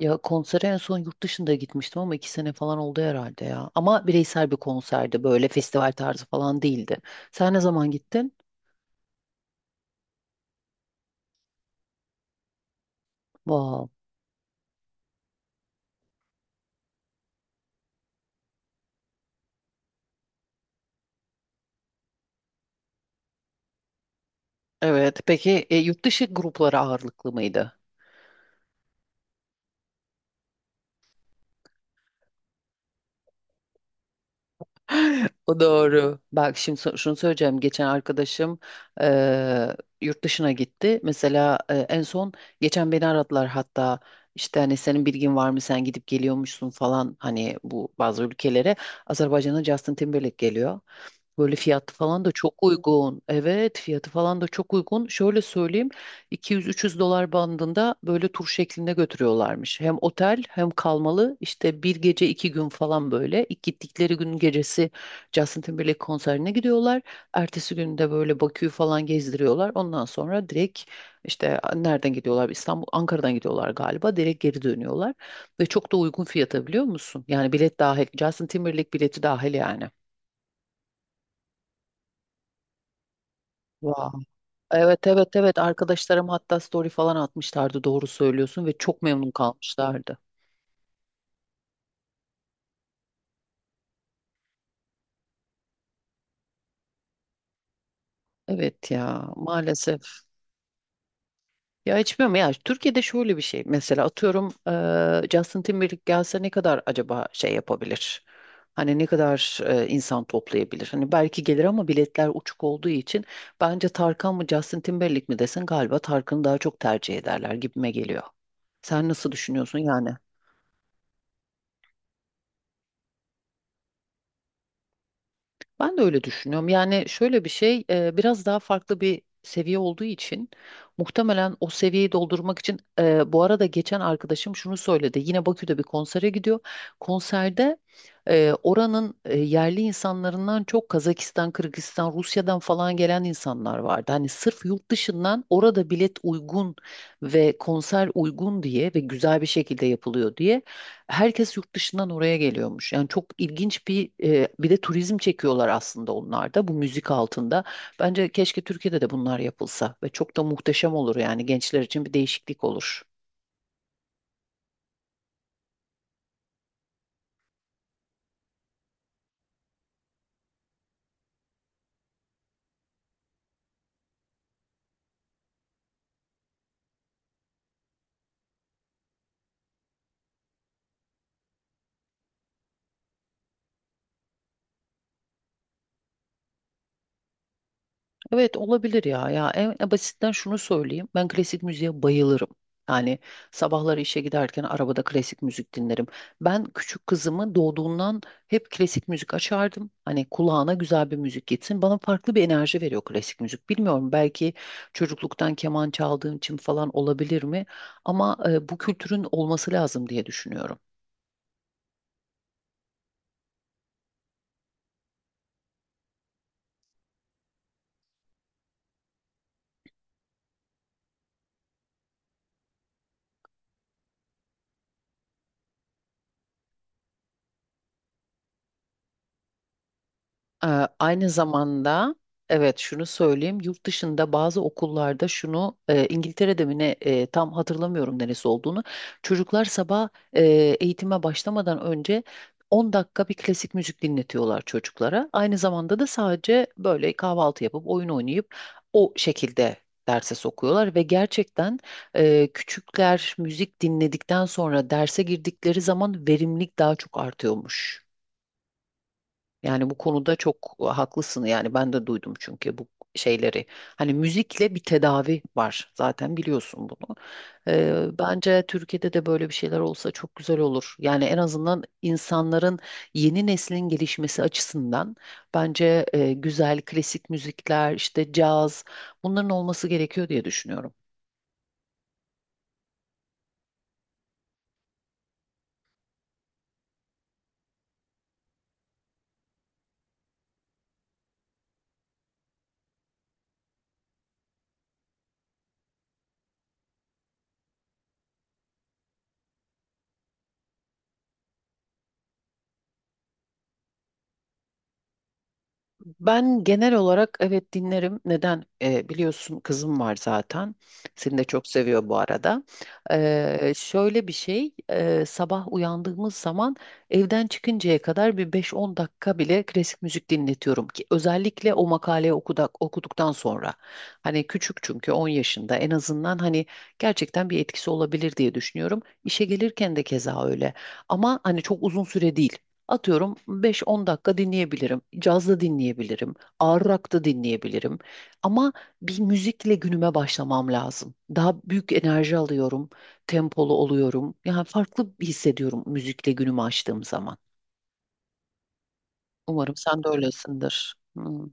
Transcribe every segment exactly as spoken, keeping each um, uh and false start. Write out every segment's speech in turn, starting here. Ya konsere en son yurt dışında gitmiştim ama iki sene falan oldu herhalde ya. Ama bireysel bir konserdi böyle festival tarzı falan değildi. Sen ne zaman gittin? Wow. Evet. Peki e, yurt dışı grupları ağırlıklı mıydı? O doğru. Bak şimdi so- şunu söyleyeceğim. Geçen arkadaşım eee, yurt dışına gitti. Mesela e, en son geçen beni aradılar hatta işte hani senin bilgin var mı, sen gidip geliyormuşsun falan hani bu bazı ülkelere. Azerbaycan'a Justin Timberlake geliyor. Böyle fiyatı falan da çok uygun. Evet, fiyatı falan da çok uygun. Şöyle söyleyeyim, iki yüz üç yüz dolar bandında böyle tur şeklinde götürüyorlarmış. Hem otel hem kalmalı, işte bir gece iki gün falan böyle. İlk gittikleri gün gecesi Justin Timberlake konserine gidiyorlar. Ertesi gün de böyle Bakü'yü falan gezdiriyorlar. Ondan sonra direkt işte nereden gidiyorlar? İstanbul, Ankara'dan gidiyorlar galiba. Direkt geri dönüyorlar. Ve çok da uygun fiyata biliyor musun? Yani bilet dahil. Justin Timberlake bileti dahil yani. Wow. Evet, evet, evet, arkadaşlarım hatta story falan atmışlardı, doğru söylüyorsun ve çok memnun kalmışlardı. Evet ya, maalesef. Ya hiç bilmiyorum ya, Türkiye'de şöyle bir şey, mesela atıyorum eee Justin Timberlake gelse ne kadar acaba şey yapabilir? Hani ne kadar eee, insan toplayabilir? Hani belki gelir ama biletler uçuk olduğu için bence Tarkan mı Justin Timberlake mi desen galiba Tarkan'ı daha çok tercih ederler gibime geliyor. Sen nasıl düşünüyorsun yani? Ben de öyle düşünüyorum. Yani şöyle bir şey, e, biraz daha farklı bir seviye olduğu için muhtemelen o seviyeyi doldurmak için, e, bu arada geçen arkadaşım şunu söyledi. Yine Bakü'de bir konsere gidiyor. Konserde e, oranın e, yerli insanlarından çok Kazakistan, Kırgızistan, Rusya'dan falan gelen insanlar vardı. Hani sırf yurt dışından orada bilet uygun ve konser uygun diye ve güzel bir şekilde yapılıyor diye herkes yurt dışından oraya geliyormuş. Yani çok ilginç bir e, bir de turizm çekiyorlar aslında onlar da bu müzik altında. Bence keşke Türkiye'de de bunlar yapılsa ve çok da muhteşem olur, yani gençler için bir değişiklik olur. Evet, olabilir ya. Ya en en basitten şunu söyleyeyim. Ben klasik müziğe bayılırım. Yani sabahları işe giderken arabada klasik müzik dinlerim. Ben küçük kızımı doğduğundan hep klasik müzik açardım. Hani kulağına güzel bir müzik gitsin. Bana farklı bir enerji veriyor klasik müzik. Bilmiyorum, belki çocukluktan keman çaldığım için falan olabilir mi? Ama e, bu kültürün olması lazım diye düşünüyorum. Ee, aynı zamanda, evet, şunu söyleyeyim, yurt dışında bazı okullarda şunu e, İngiltere'de mi ne, e, tam hatırlamıyorum neresi olduğunu, çocuklar sabah e, eğitime başlamadan önce on dakika bir klasik müzik dinletiyorlar çocuklara. Aynı zamanda da sadece böyle kahvaltı yapıp oyun oynayıp o şekilde derse sokuyorlar ve gerçekten e, küçükler müzik dinledikten sonra derse girdikleri zaman verimlilik daha çok artıyormuş. Yani bu konuda çok e, haklısın. Yani ben de duydum çünkü bu şeyleri. Hani müzikle bir tedavi var. Zaten biliyorsun bunu. Ee, bence Türkiye'de de böyle bir şeyler olsa çok güzel olur. Yani en azından insanların, yeni neslin gelişmesi açısından bence e, güzel klasik müzikler, işte caz, bunların olması gerekiyor diye düşünüyorum. Ben genel olarak evet dinlerim. Neden? Ee, biliyorsun kızım var zaten. Seni de çok seviyor bu arada. Ee, şöyle bir şey, e, sabah uyandığımız zaman evden çıkıncaya kadar bir beş on dakika bile klasik müzik dinletiyorum ki, özellikle o makaleyi okudak, okuduktan sonra. Hani küçük, çünkü on yaşında, en azından hani gerçekten bir etkisi olabilir diye düşünüyorum. İşe gelirken de keza öyle. Ama hani çok uzun süre değil. Atıyorum beş on dakika dinleyebilirim. Caz da dinleyebilirim. Ağır rock da dinleyebilirim. Ama bir müzikle günüme başlamam lazım. Daha büyük enerji alıyorum. Tempolu oluyorum. Yani farklı hissediyorum müzikle günümü açtığım zaman. Umarım sen de öylesindir. Hmm,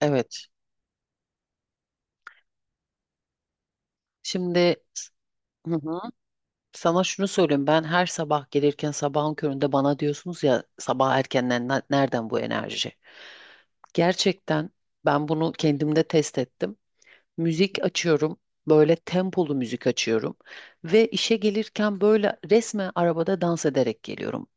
evet. Şimdi, hı hı, sana şunu söyleyeyim. Ben her sabah gelirken sabahın köründe bana diyorsunuz ya, sabah erkenden ne- nereden bu enerji? Gerçekten ben bunu kendimde test ettim. Müzik açıyorum. Böyle tempolu müzik açıyorum ve işe gelirken böyle resmen arabada dans ederek geliyorum.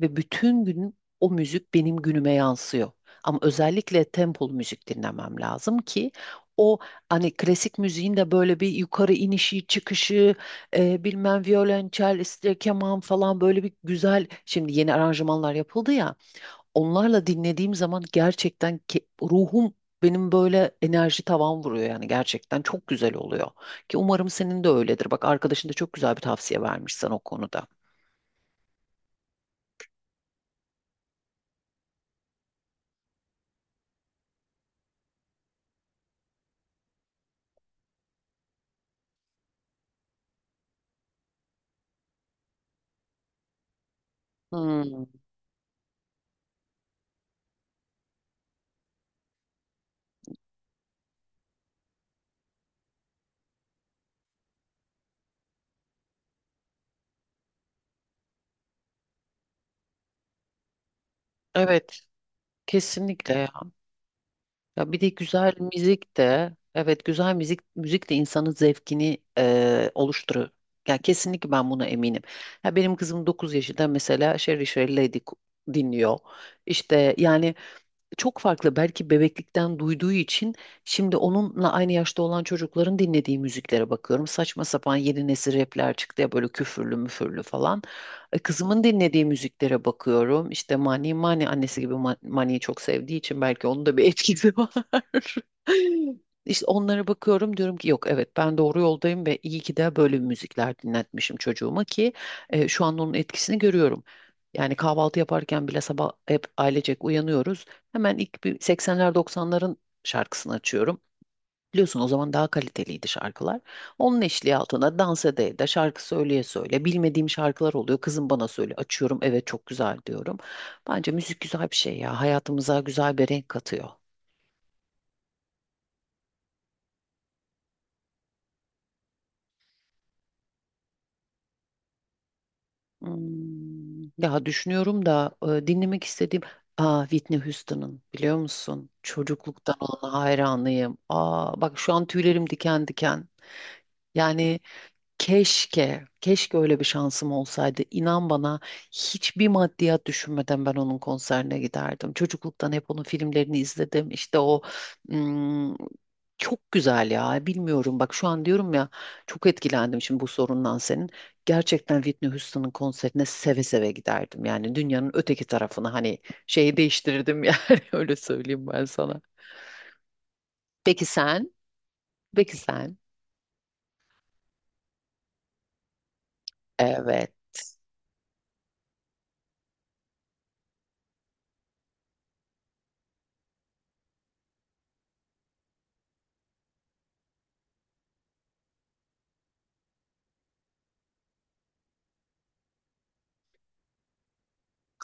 Ve bütün gün o müzik benim günüme yansıyor. Ama özellikle tempolu müzik dinlemem lazım ki o, hani klasik müziğin de böyle bir yukarı inişi, çıkışı, e, bilmem violonçel, işte keman falan, böyle bir güzel, şimdi yeni aranjmanlar yapıldı ya, onlarla dinlediğim zaman gerçekten ke- ruhum, benim böyle enerji tavan vuruyor, yani gerçekten çok güzel oluyor. Ki umarım senin de öyledir. Bak, arkadaşın da çok güzel bir tavsiye vermiş sana o konuda. Hmm, evet, kesinlikle ya. Ya bir de güzel müzik de, evet, güzel müzik müzik de insanın zevkini e, oluşturuyor. Ya kesinlikle, ben buna eminim. Ya benim kızım dokuz yaşında mesela Sherry Sherry Lady ku- dinliyor. İşte yani çok farklı. Belki bebeklikten duyduğu için, şimdi onunla aynı yaşta olan çocukların dinlediği müziklere bakıyorum. Saçma sapan yeni nesil rapler çıktı ya böyle, küfürlü müfürlü falan. E, kızımın dinlediği müziklere bakıyorum. İşte Mani, Mani annesi gibi Ma- Mani'yi çok sevdiği için belki onun da bir etkisi var. İşte onlara bakıyorum, diyorum ki yok, evet ben doğru yoldayım ve iyi ki de böyle müzikler dinletmişim çocuğuma ki e, şu an onun etkisini görüyorum. Yani kahvaltı yaparken bile sabah hep ailecek uyanıyoruz. Hemen ilk bir seksenler doksanların şarkısını açıyorum. Biliyorsun, o zaman daha kaliteliydi şarkılar. Onun eşliği altına dans ede de şarkı söyleye söyle. Bilmediğim şarkılar oluyor. Kızım bana söyle. Açıyorum. Evet, çok güzel diyorum. Bence müzik güzel bir şey ya. Hayatımıza güzel bir renk katıyor. Hmm, ya düşünüyorum da e, dinlemek istediğim, aa, Whitney Houston'ın biliyor musun? Çocukluktan ona hayranıyım. Aa, bak şu an tüylerim diken diken. Yani keşke, keşke öyle bir şansım olsaydı. İnan bana, hiçbir maddiyat düşünmeden ben onun konserine giderdim. Çocukluktan hep onun filmlerini izledim. İşte o, ım, çok güzel ya. Bilmiyorum, bak şu an diyorum ya, çok etkilendim şimdi bu sorundan senin. Gerçekten Whitney Houston'ın konserine seve seve giderdim. Yani dünyanın öteki tarafını, hani şeyi değiştirirdim yani, öyle söyleyeyim ben sana. Peki sen? Peki sen? Evet.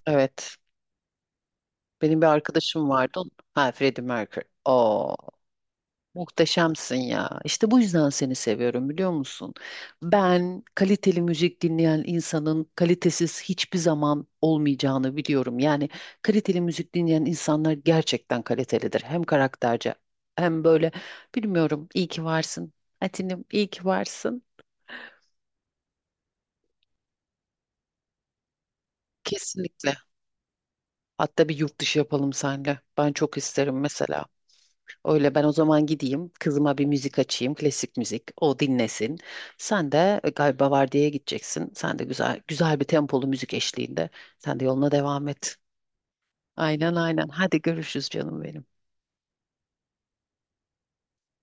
Evet. Benim bir arkadaşım vardı. Ha, Freddie Mercury. Oo, muhteşemsin ya. İşte bu yüzden seni seviyorum, biliyor musun? Ben kaliteli müzik dinleyen insanın kalitesiz hiçbir zaman olmayacağını biliyorum. Yani kaliteli müzik dinleyen insanlar gerçekten kalitelidir. Hem karakterce, hem böyle, bilmiyorum. İyi ki varsın. Atinim, iyi ki varsın. Kesinlikle. Hatta bir yurt dışı yapalım seninle. Ben çok isterim mesela. Öyle ben o zaman gideyim, kızıma bir müzik açayım, klasik müzik, o dinlesin. Sen de e, galiba vardiyaya gideceksin. Sen de güzel güzel bir tempolu müzik eşliğinde. Sen de yoluna devam et. Aynen, aynen. Hadi görüşürüz canım benim.